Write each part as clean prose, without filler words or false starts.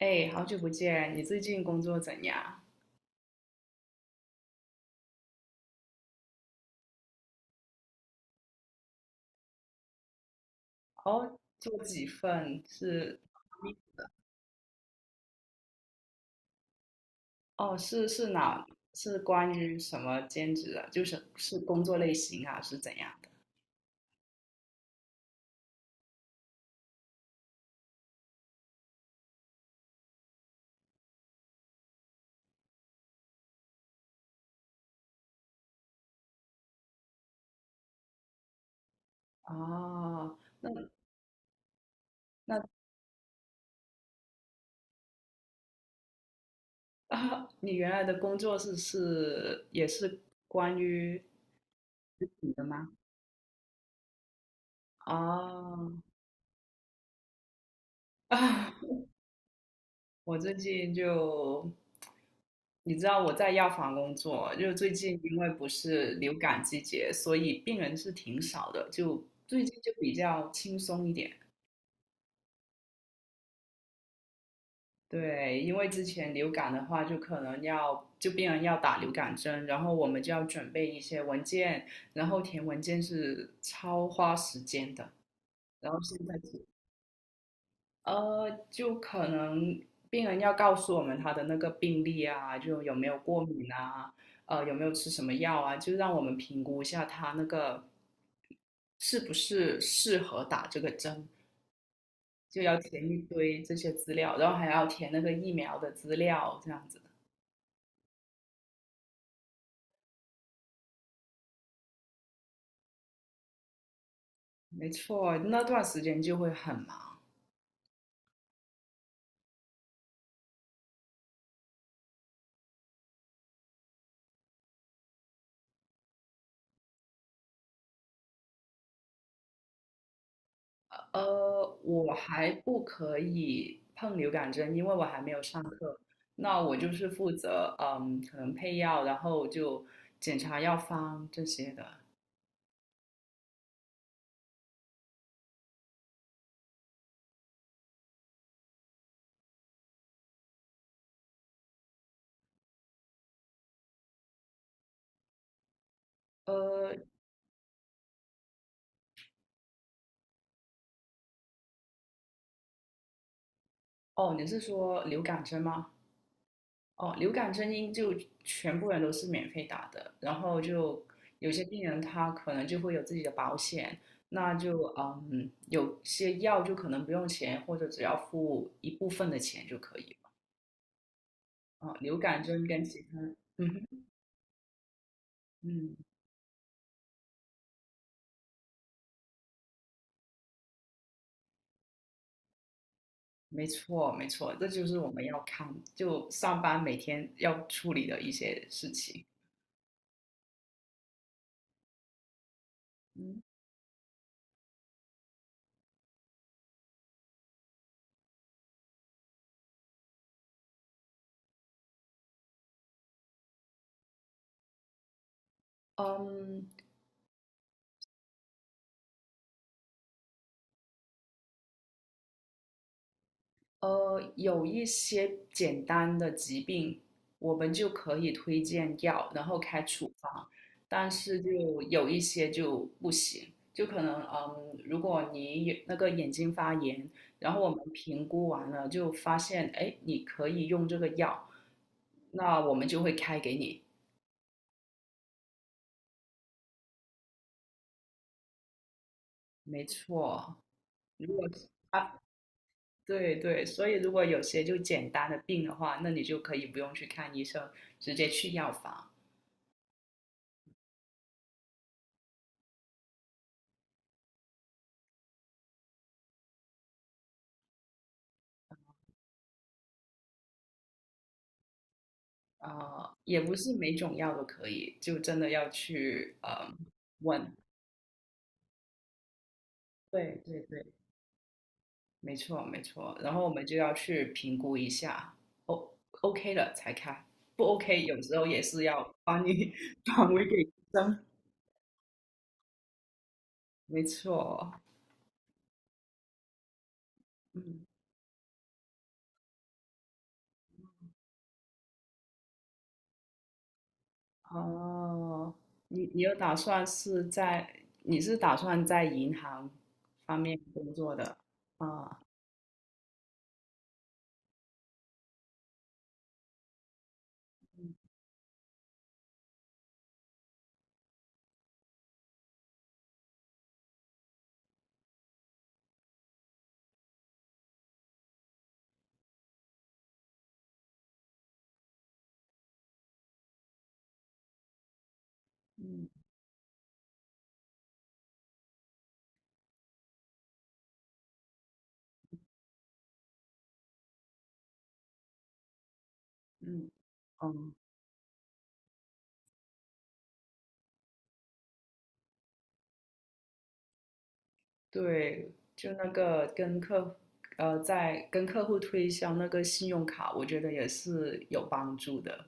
哎，好久不见！你最近工作怎样？哦，做几份是？哦，是哪？是关于什么兼职啊？就是工作类型啊，是怎样的？哦，那啊，你原来的工作是也是关于自己的吗？哦，我最近就，你知道我在药房工作，就最近因为不是流感季节，所以病人是挺少的，就最近就比较轻松一点。对，因为之前流感的话，就可能病人要打流感针，然后我们就要准备一些文件，然后填文件是超花时间的，然后现在。就可能病人要告诉我们他的那个病历啊，就有没有过敏啊，有没有吃什么药啊，就让我们评估一下他那个是不是适合打这个针，就要填一堆这些资料，然后还要填那个疫苗的资料，这样子。没错，那段时间就会很忙。我还不可以碰流感针，因为我还没有上课。那我就是负责，嗯，可能配药，然后就检查药方这些的。呃，哦，你是说流感针吗？哦，流感针应就全部人都是免费打的，然后就有些病人他可能就会有自己的保险，那就嗯，有些药就可能不用钱，或者只要付一部分的钱就可以了。啊，流感针跟其他，嗯哼。嗯，没错，没错，这就是我们要看，就上班每天要处理的一些事情。嗯。嗯有一些简单的疾病，我们就可以推荐药，然后开处方，但是就有一些就不行，就可能嗯，如果你有那个眼睛发炎，然后我们评估完了就发现，哎，你可以用这个药，那我们就会开给你。没错。如果是啊，对对，所以如果有些就简单的病的话，那你就可以不用去看医生，直接去药房。啊、也不是每种药都可以，就真的要去问。对对对，没错没错。然后我们就要去评估一下，O OK 了才开，不 OK 有时候也是要帮你 转回给医生。没错，嗯。哦，你有打算是在，你是打算在银行方面工作的啊？嗯。嗯。嗯，对，就那个跟客，在跟客户推销那个信用卡，我觉得也是有帮助的。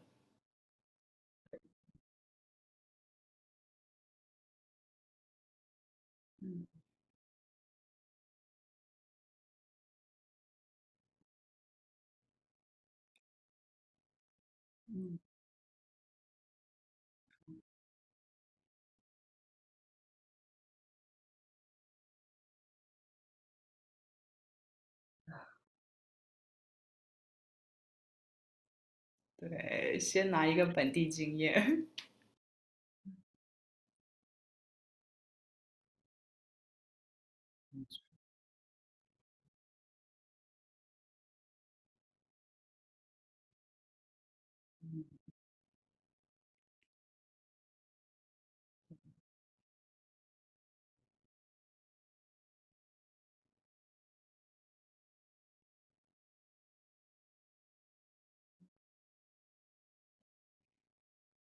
嗯。嗯，对，先拿一个本地经验。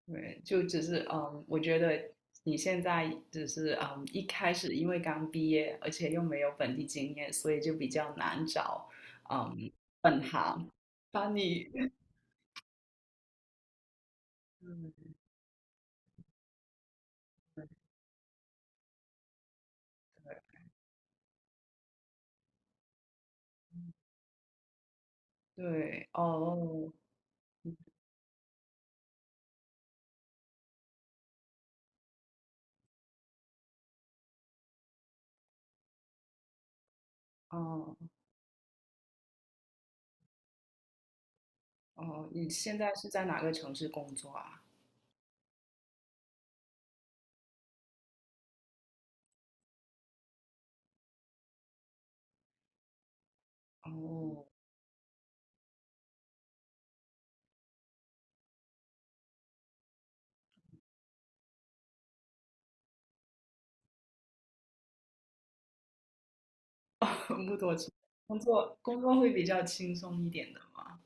对，就只是嗯，我觉得你现在只是嗯，一开始因为刚毕业，而且又没有本地经验，所以就比较难找嗯本行把你。嗯，对。哦哦哦，你现在是在哪个城市工作啊？哦，木头城工作会比较轻松一点的吗？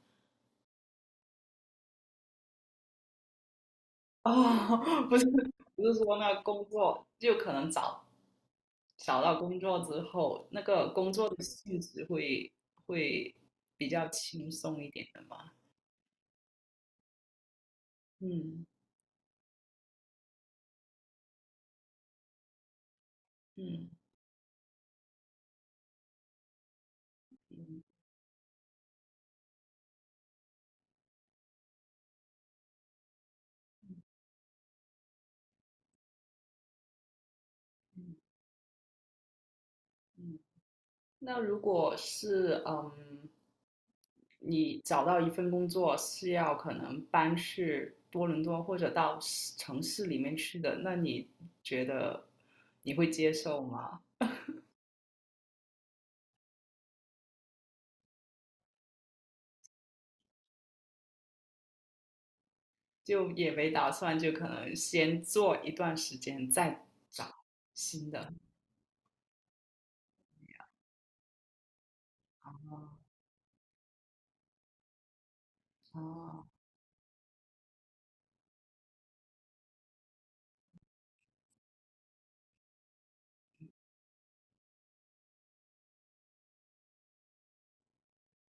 哦，不是，不是说那工作就可能找找到工作之后，那个工作的性质会比较轻松一点的嘛？嗯嗯嗯嗯嗯。那如果是嗯，你找到一份工作是要可能搬去多伦多或者到市城市里面去的，那你觉得你会接受吗？就也没打算，就可能先做一段时间，再找新的。啊。啊，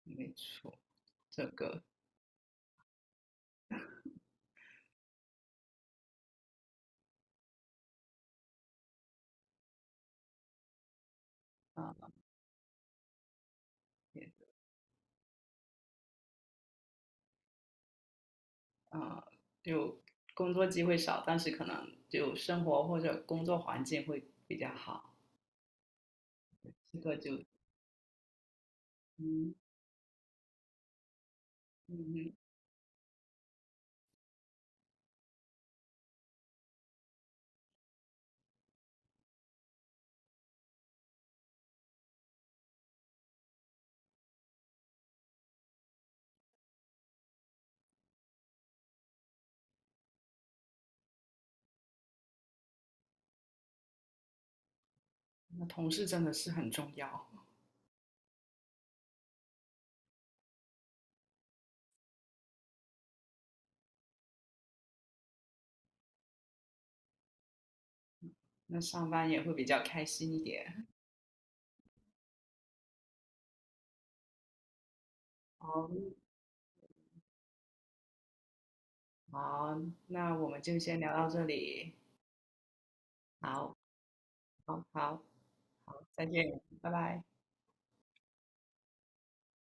没错，这个啊，也啊，就工作机会少，但是可能就生活或者工作环境会比较好。这个就嗯。嗯。那同事真的是很重要，那上班也会比较开心一点。好，好，那我们就先聊到这里。好，好，好，再见，拜拜。